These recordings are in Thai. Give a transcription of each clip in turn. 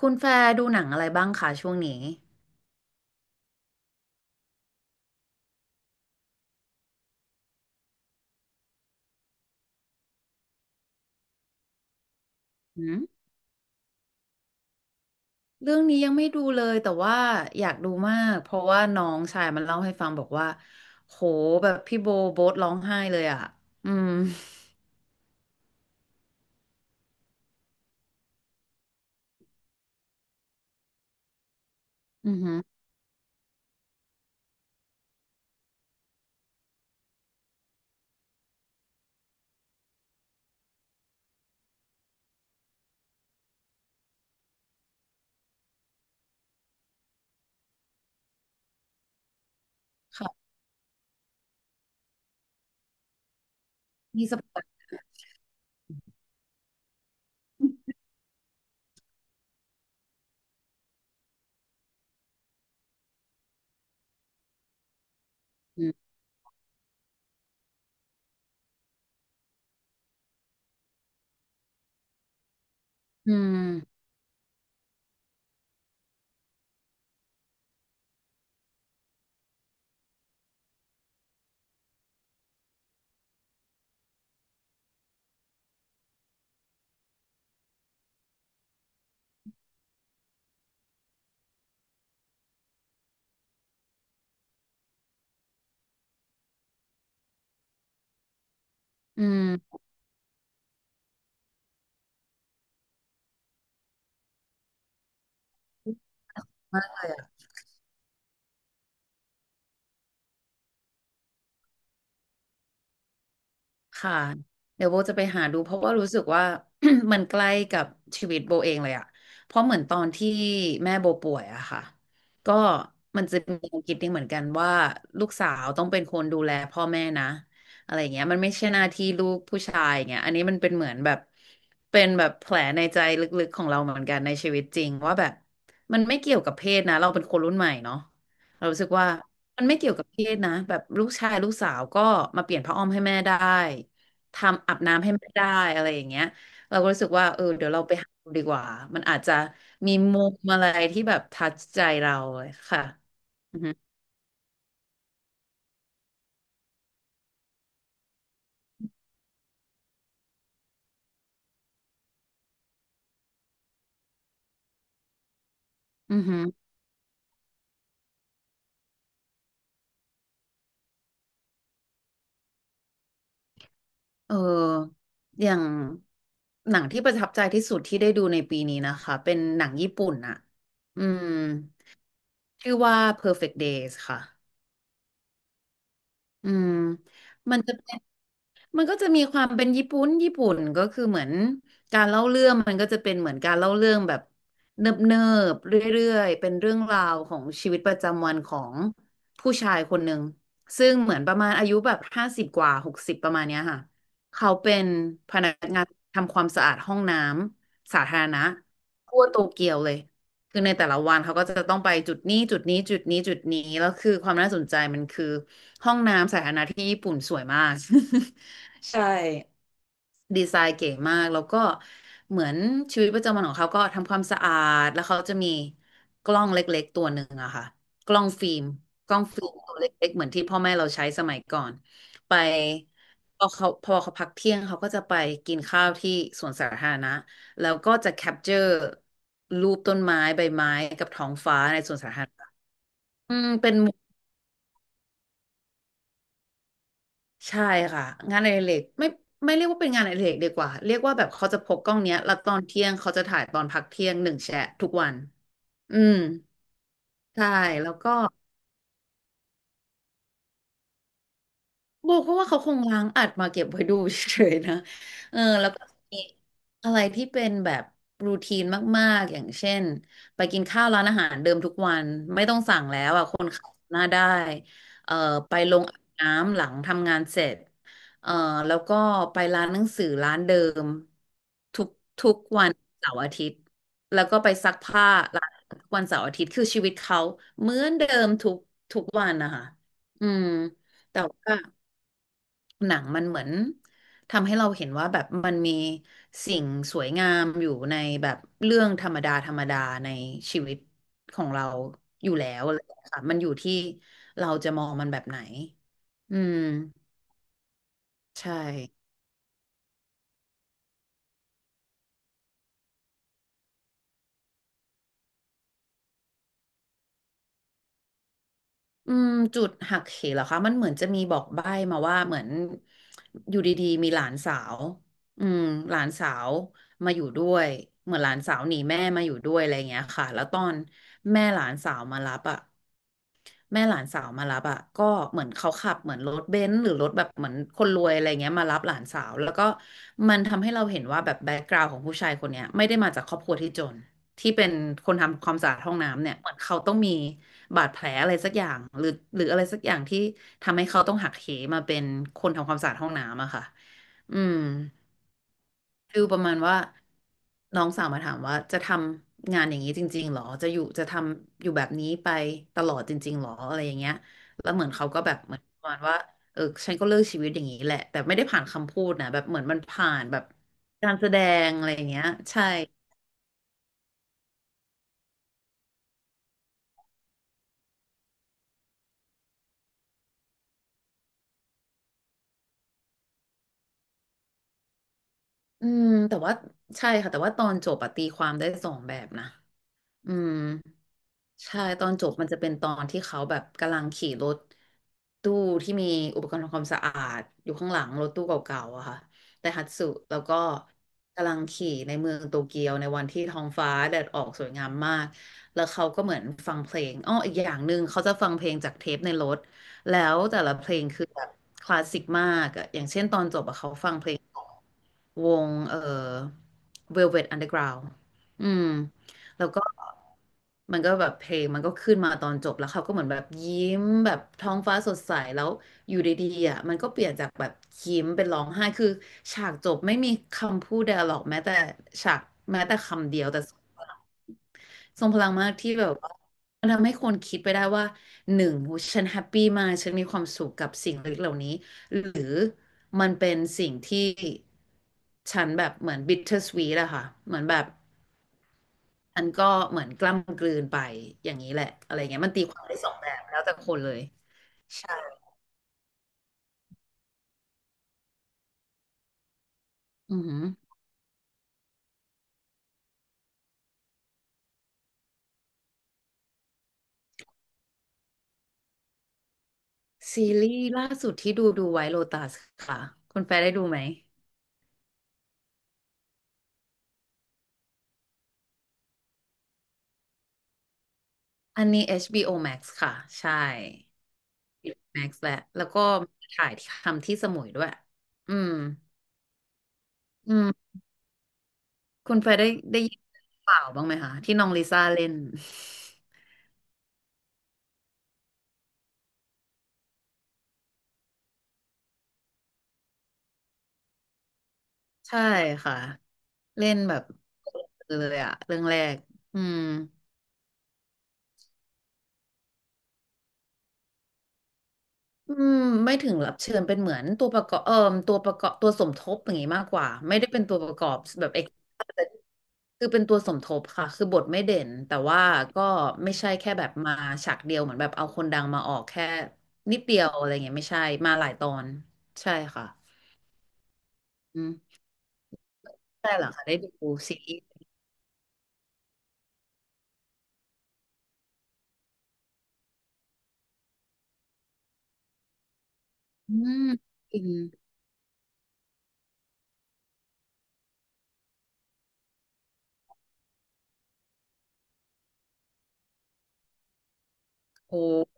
คุณแฟร์ดูหนังอะไรบ้างคะช่วงนี้หืมเรื่องนี้ยังไม่ดูเลยแต่ว่าอยากดูมากเพราะว่าน้องชายมันเล่าให้ฟังบอกว่าโหแบบพี่โบโบ๊ทร้องไห้เลยอ่ะ อืมอือหือค่ะมีสปอยอืมอืมอืม ค่ะเดี๋ยวโบจะไปหาดูเพราะว่ารู้สึกว่า มันใกล้กับชีวิตโบเองเลยอะเพราะเหมือนตอนที่แม่โบป่วยอะค่ะก็มันจะมีแนวามคิดนี้เหมือนกันว่าลูกสาวต้องเป็นคนดูแลพ่อแม่นะอะไรอย่างเงี้ยมันไม่ใช่หน้าที่ลูกผู้ชายอย่างเงี้ยอันนี้มันเป็นเหมือนแบบเป็นแบบแผลในใจลึกๆของเราเหมือนกันในชีวิตจริงว่าแบบมันไม่เกี่ยวกับเพศนะเราเป็นคนรุ่นใหม่เนาะเรารู้สึกว่า มันไม่เกี่ยวกับเพศนะแบบลูกชายลูกสาวก็มาเปลี่ยนผ้าอ้อมให้แม่ได้ทำอาบน้ำให้แม่ได้อะไรอย่างเงี้ยเราก็รู้สึกว่าเออเดี๋ยวเราไปหาดูดีกว่ามันอาจจะมีมุมอะไรที่แบบทัชใจเราเลยค่ะอือฮึอือฮึเอออย่างหนังที่ประทับใจที่สุดที่ได้ดูในปีนี้นะคะเป็นหนังญี่ปุ่นอะอืมชื่อว่า Perfect Days ค่ะอืมมันจะเป็น มันก็จะมีความเป็นญี่ปุ่น ญี่ปุ่นก็คือเหมือนการเล่าเรื่องมันก็จะเป็นเหมือนการเล่าเรื่องแบบเนิบเนิบเรื่อยๆเป็นเรื่องราวของชีวิตประจำวันของผู้ชายคนหนึ่งซึ่งเหมือนประมาณอายุแบบ50กว่า60ประมาณเนี้ยค่ะเขาเป็นพนักงานทำความสะอาดห้องน้ำสาธารณะทั่วโตเกียวเลยคือในแต่ละวันเขาก็จะต้องไปจุดนี้จุดนี้จุดนี้จุดนี้แล้วคือความน่าสนใจมันคือห้องน้ำสาธารณะที่ญี่ปุ่นสวยมาก ใช่ดีไซน์เก๋มากแล้วก็เหมือนชีวิตประจำวันของเขาก็ทำความสะอาดแล้วเขาจะมีกล้องเล็กๆตัวหนึ่งอะค่ะกล้องฟิล์มกล้องฟิล์มตัวเล็กๆเหมือนที่พ่อแม่เราใช้สมัยก่อนไปพอเขาพักเที่ยงเขาก็จะไปกินข้าวที่สวนสาธารณะแล้วก็จะแคปเจอร์รูปต้นไม้ใบไม้กับท้องฟ้าในสวนสาธารณะอืมเป็น ใช่ค่ะงานอดิเรกไม่ไม่เรียกว่าเป็นงานอดิเรกดีกว่าเรียกว่าแบบเขาจะพกกล้องเนี้ยแล้วตอนเที่ยงเขาจะถ่ายตอนพักเที่ยงหนึ่งแชะทุกวันอืมใช่แล้วก็ โบก็ว่าเขาคงล้างอัดมาเก็บไว้ดูเฉยๆนะเออแล้วก็มีอะไรที่เป็นแบบรูทีนมากๆอย่างเช่นไปกินข้าวร้านอาหารเดิมทุกวันไม่ต้องสั่งแล้วอ่ะคนขับหน้าได้เออไปลงอาบน้ำหลังทำงานเสร็จเออแล้วก็ไปร้านหนังสือร้านเดิมทุกทุกวันเสาร์อาทิตย์แล้วก็ไปซักผ้าร้านทุกวันเสาร์อาทิตย์คือชีวิตเขาเหมือนเดิมทุกวันนะคะอืมแต่ว่า หนังมันเหมือนทำให้เราเห็นว่าแบบมันมีสิ่งสวยงามอยู่ในแบบเรื่องธรรมดาธรรมดาในชีวิตของเราอยู่แล้วอะไรอย่างเงี้ยค่ะมันอยู่ที่เราจะมองมันแบบไหนอืมใช่อืมจุดหักเหเหรอคะมันเหมือนจะมีบอกใบ้มาว่าเหมือนอยู่ดีๆมีหลานสาวอืมหลานสาวมาอยู่ด้วยเหมือนหลานสาวหนีแม่มาอยู่ด้วยอะไรอย่างเงี้ยค่ะแล้วตอนแม่หลานสาวมารับอ่ะ แม่หลานสาวมารับอ่ะก็เหมือนเขาขับเหมือนรถเบนซ์หรือรถแบบเหมือนคนรวยอะไรเงี้ยมารับหลานสาวแล้วก็มันทำให้เราเห็นว่าแบบแบ็กกราวด์ของผู้ชายคนเนี้ยไม่ได้มาจากครอบครัวที่จนที่เป็นคนทำความสะอาดห้องน้ำเนี่ยเหมือนเขาต้องมีบาดแผลอะไรสักอย่างหรือหรืออะไรสักอย่างที่ทำให้เขาต้องหักเหมาเป็นคนทำความสะอาดห้องน้ำอะค่ะอืม ฟิลประมาณว่าน้องสาวมาถามว่าจะทำงานอย่างนี้จริงๆหรอจะอยู่จะทำอยู่แบบนี้ไปตลอดจริงๆหรออะไรอย่างเงี้ยแล้วเหมือนเขาก็แบบเหมือนประมาณว่าเออฉันก็เลือกชีวิตอย่างนี้แหละแต่ไม่ได้ผ่านคำพูดนะแบบเหมือนมันผ่านแบบการแสดงอะไรอย่างเงี้ยใช่อืมแต่ว่าใช่ค่ะแต่ว่าตอนจบอะตีความได้สองแบบนะอืม ใช่ตอนจบมันจะเป็นตอนที่เขาแบบกำลังขี่รถตู้ที่มีอุปกรณ์ทำความสะอาดอยู่ข้างหลังรถตู้เก่าๆอะค่ะไดฮัตสึแล้วก็กำลังขี่ในเมืองโตเกียวในวันที่ท้องฟ้าแดดออกสวยงามมากแล้วเขาก็เหมือนฟังเพลงอ้ออีกอย่างหนึ่งเขาจะฟังเพลงจากเทปในรถแล้วแต่ละเพลงคือแบบคลาสสิกมากอะอย่างเช่นตอนจบอะเขาฟังเพลง วงVelvet Underground อืมแล้วก็มันก็แบบเพลงมันก็ขึ้นมาตอนจบแล้วเขาก็เหมือนแบบยิ้มแบบท้องฟ้าสดใสแล้วอยู่ดีๆอ่ะมันก็เปลี่ยนจากแบบยิ้มเป็นร้องไห้คือฉากจบไม่มีคำพูด d i a l o g แม้แต่ฉากแม้แต่คำเดียวแต่ ทรงพลังมากที่แบบว่ามันทำให้คนคิดไปได้ว่าหนึ่งโหฉันแฮปปี้มากฉันมีความสุขกับสิ่งเล็กเหล่านี้หรือมันเป็นสิ่งที่ฉันแบบเหมือนบิ t เ e r s w e e t อะค่ะเหมือนแบบอันก็เหมือนกล้ำกลืนไปอย่างนี้แหละอะไรเงี้ยมันตีความได้สองแบบแล้วแต่คนเลยใช่อือหือซีรีส์ล่าสุดที่ดูดูไว้โลตัสค่ะคุณแฟร์ได้ดูไหมอันนี้ HBO Max ค่ะใช่ แม็กซ์แหละแล้วก็ถ่ายททำที่สมุยด้วยอืมอืมคุณไปได้ได้ยินเปล่าวบ้างไหมคะที่น้องลิซ่าเล่น ใช่ค่ะเล่นแบบเลยอะเรื่องแรกอืมอืมไม่ถึงรับเชิญเป็นเหมือนตัวประกอบตัวประกอบตัวสมทบอย่างงี้มากกว่าไม่ได้เป็นตัวประกอบแบบ คือเป็นตัวสมทบค่ะคือบทไม่เด่นแต่ว่าก็ไม่ใช่แค่แบบมาฉากเดียวเหมือนแบบเอาคนดังมาออกแค่นิดเดียวอะไรเงี้ยไม่ใช่มาหลายตอนใช่ค่ะอืมได้เหรอคะได้ดูซีรีส์อืมอินโอ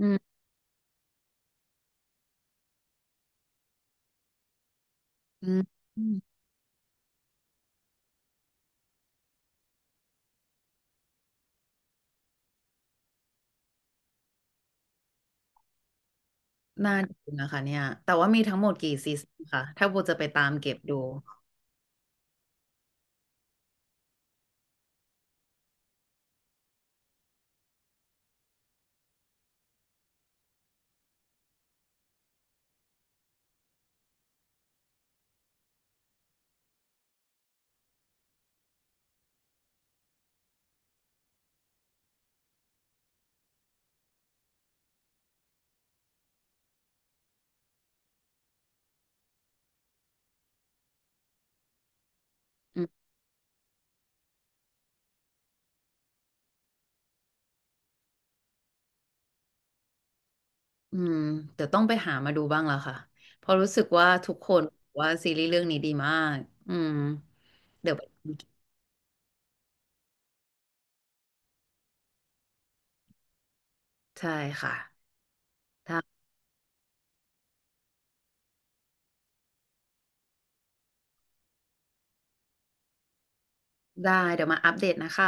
อืมอืมอืมน่าดูนะคะเนี่ยแต่ว่ามีทั้งหมดกี่ซีซั่นค่ะถ้าโบจะไปตามเก็บดูอืมอืมเดี๋ยวต้องไปหามาดูบ้างละค่ะเพราะรู้สึกว่าทุกคนบอกว่าซีรีส์เรื่องนี้ดีมากอืมเดี๋ยวไปใช่ค่ะ ได้เดี๋ยวมาอัปเดตนะคะ